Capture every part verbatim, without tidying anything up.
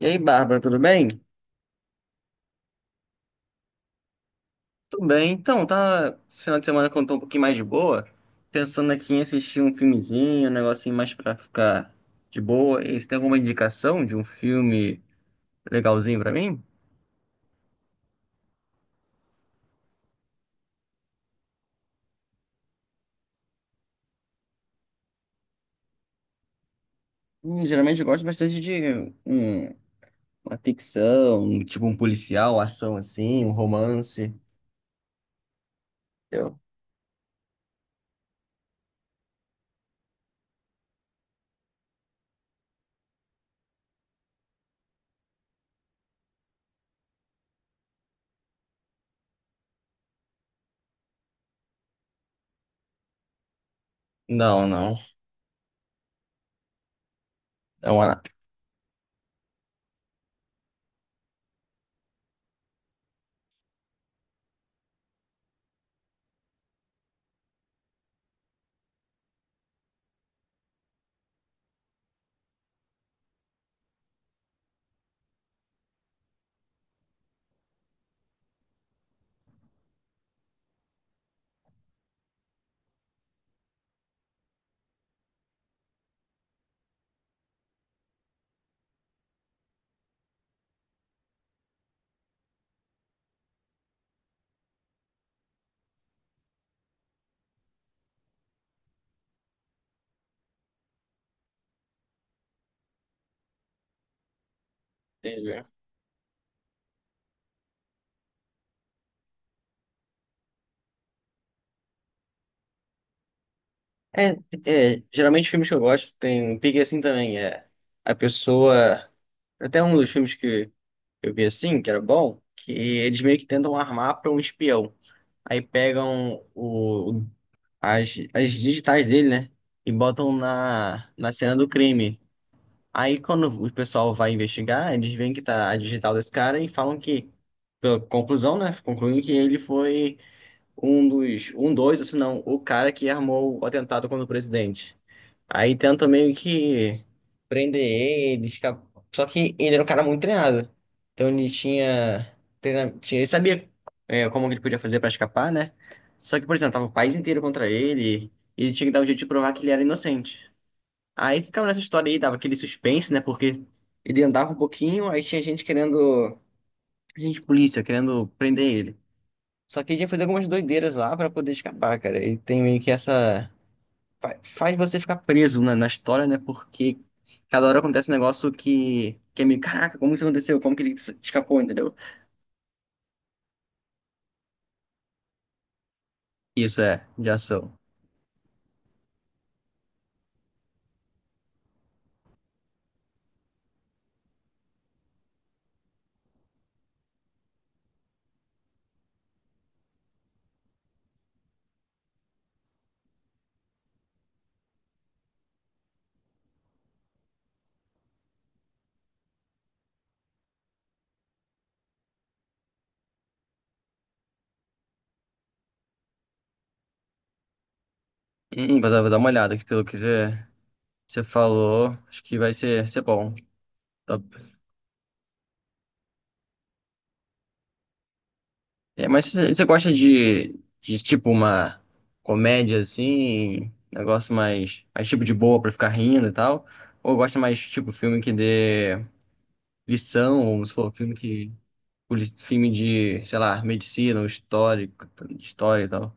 E aí, Bárbara, tudo bem? Tudo bem. Então, tá. Esse final de semana que eu tô um pouquinho mais de boa, pensando aqui em assistir um filmezinho, um negocinho mais pra ficar de boa. E você tem alguma indicação de um filme legalzinho pra mim? Hum, geralmente eu gosto bastante de um, uma ficção, um- tipo um policial, ação assim, um romance. Eu... Não, não. É uma. Entendi. É, é, geralmente filmes que eu gosto tem um pique assim também, é a pessoa, até um dos filmes que eu vi assim, que era bom, que eles meio que tentam armar para um espião. Aí pegam o, as, as digitais dele, né? E botam na, na cena do crime. Aí quando o pessoal vai investigar, eles veem que tá a digital desse cara e falam que, pela conclusão, né? Concluem que ele foi um dos, um dos, ou se não, o cara que armou o atentado contra o presidente. Aí tenta meio que prender ele, ficar... Só que ele era um cara muito treinado. Então ele tinha... treina- tinha... Ele sabia é, como que ele podia fazer pra escapar, né? Só que, por exemplo, tava o país inteiro contra ele e ele tinha que dar um jeito de provar que ele era inocente. Aí ficava nessa história aí, dava aquele suspense, né? Porque ele andava um pouquinho, aí tinha gente querendo... Gente, de polícia, querendo prender ele. Só que ele ia fazer algumas doideiras lá pra poder escapar, cara. E tem meio que essa fa- faz você ficar preso na, na história, né? Porque cada hora acontece um negócio que, que é meio, caraca, como isso aconteceu? Como que ele s- escapou, entendeu? Isso é, de ação. Hum, vou dar, vou dar uma olhada, que pelo que você, você falou, acho que vai ser, ser bom. Tá- É, mas você você gosta de, de tipo uma comédia assim, negócio mais, mais tipo de boa pra ficar rindo e tal? Ou gosta mais tipo filme que dê lição, ou se for filme que poli- filme de, sei lá, medicina, ou histórico, história e tal.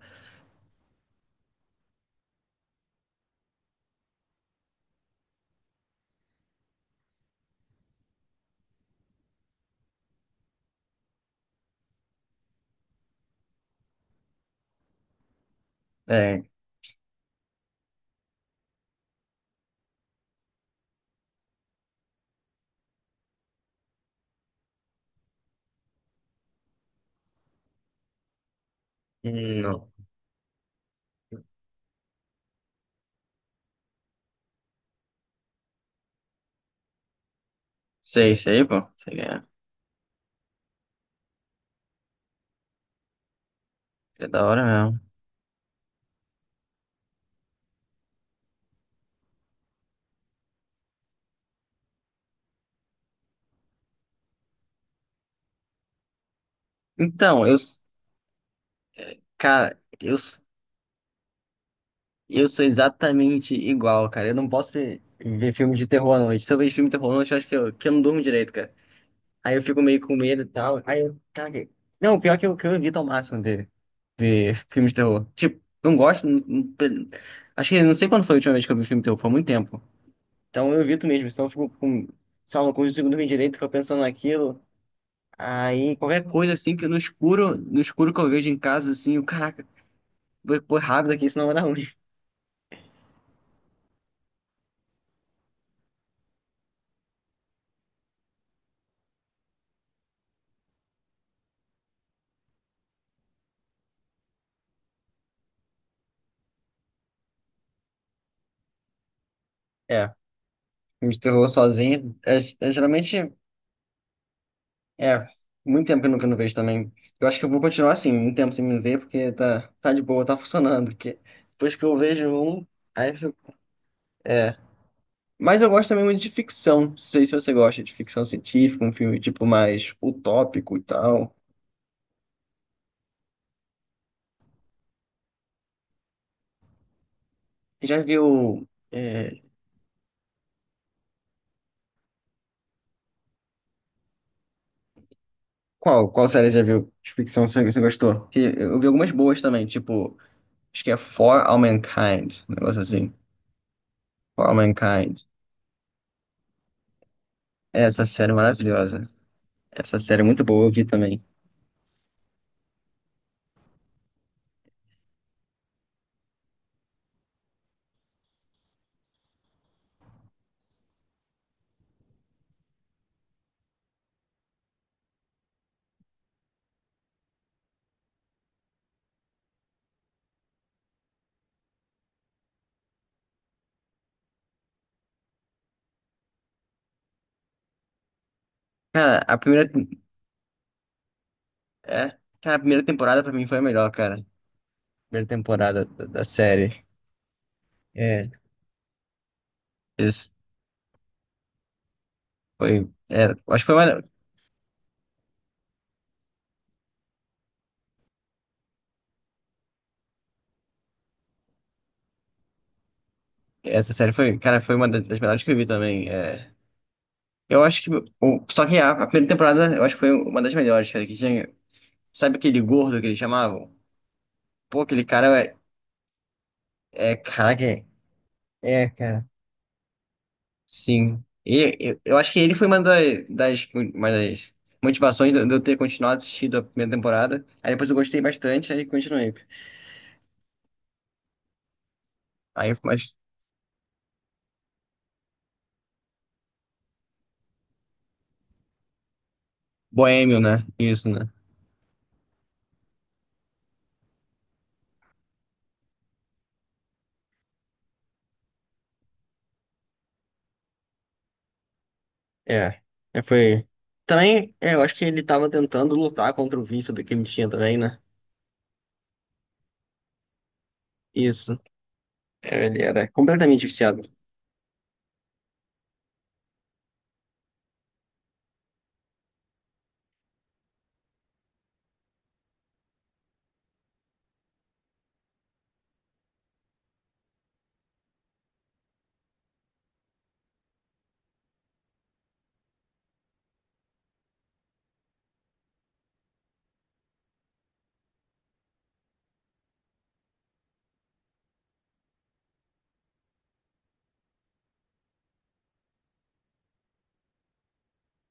É, hum, não. Sei, sei, pô. Sei que é, é da hora mesmo. Então, eu, s- cara, eu, s- eu sou exatamente igual, cara. Eu não posso ver, ver filme de terror à noite. Se eu vejo filme de terror à noite, eu acho que eu, que eu não durmo direito, cara. Aí eu fico meio com medo e tal. Aí eu, cara, que- não, o pior é que eu, que eu evito ao máximo ver, ver filme de terror. Tipo, não gosto, não- não- acho que não sei quando foi a última vez que eu vi filme de terror, foi há muito tempo. Então eu evito mesmo, senão eu fico com, sei lá, não consigo dormir direito, fico pensando naquilo. Aí qualquer coisa assim que no escuro, no escuro que eu vejo em casa, assim, eu, caraca, vou pôr rápido aqui, senão vai dar ruim. É, filme de terror sozinho, é, é, geralmente, é, muito tempo que eu não, que eu não vejo também. Eu acho que eu vou continuar assim, um tempo sem me ver, porque tá, tá de boa, tá funcionando. Porque depois que eu vejo um, aí eu fico, é. Mas eu gosto também muito de ficção. Não sei se você gosta de ficção científica, um filme tipo mais utópico e tal. Você já viu. É, qual, qual série você já viu de ficção que você você gostou? Que eu vi algumas boas também, tipo, acho que é For All Mankind, um negócio assim. For All Mankind. Essa série é maravilhosa. Essa série é muito boa, eu vi também. Cara, a primeira. É, cara, a primeira temporada pra mim foi a melhor, cara. Primeira temporada da, da série. É, isso. Foi. É, acho que foi uma. Essa série foi, cara, foi uma das das melhores que eu vi também. É. Eu acho que. o- Só que a, a primeira temporada, eu acho que foi uma das melhores, cara, que tinha. Sabe aquele gordo que eles chamavam? Pô, aquele cara é. É caraca, é, é, cara. Sim. E, eu, eu acho que ele foi uma das, das- uma das motivações de eu de eu ter continuado assistindo a primeira temporada. Aí depois eu gostei bastante, aí continuei. Aí eu fico mais boêmio, né? Isso, né? É. É, foi. Também, é, eu acho que ele tava tentando lutar contra o vício do que ele tinha também, né? Isso. É, ele era completamente viciado.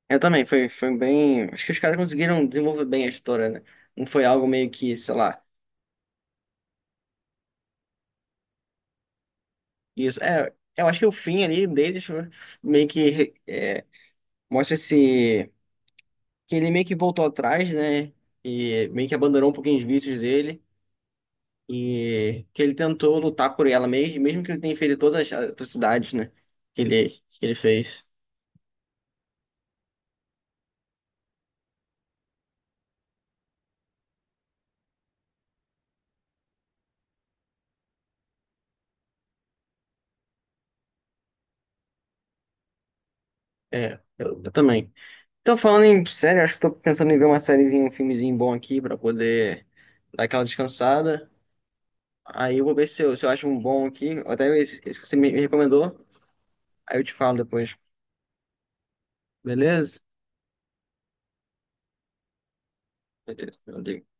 Eu também, foi, foi bem. Acho que os caras conseguiram desenvolver bem a história, né? Não foi algo meio que, sei lá. Isso. É, eu acho que o fim ali deles foi meio que é, mostra esse. Que ele meio que voltou atrás, né? E meio que abandonou um pouquinho os vícios dele. E que ele tentou lutar por ela mesmo, mesmo que ele tenha feito todas as atrocidades, né? Que ele, que ele fez. É, eu, eu também. Então, falando em série, acho que tô pensando em ver uma sériezinha, um filmezinho bom aqui pra poder dar aquela descansada. Aí eu vou ver se eu, se eu acho um bom aqui, ou até esse esse que você me me recomendou, aí eu te falo depois. Beleza? Beleza. Meu Deus.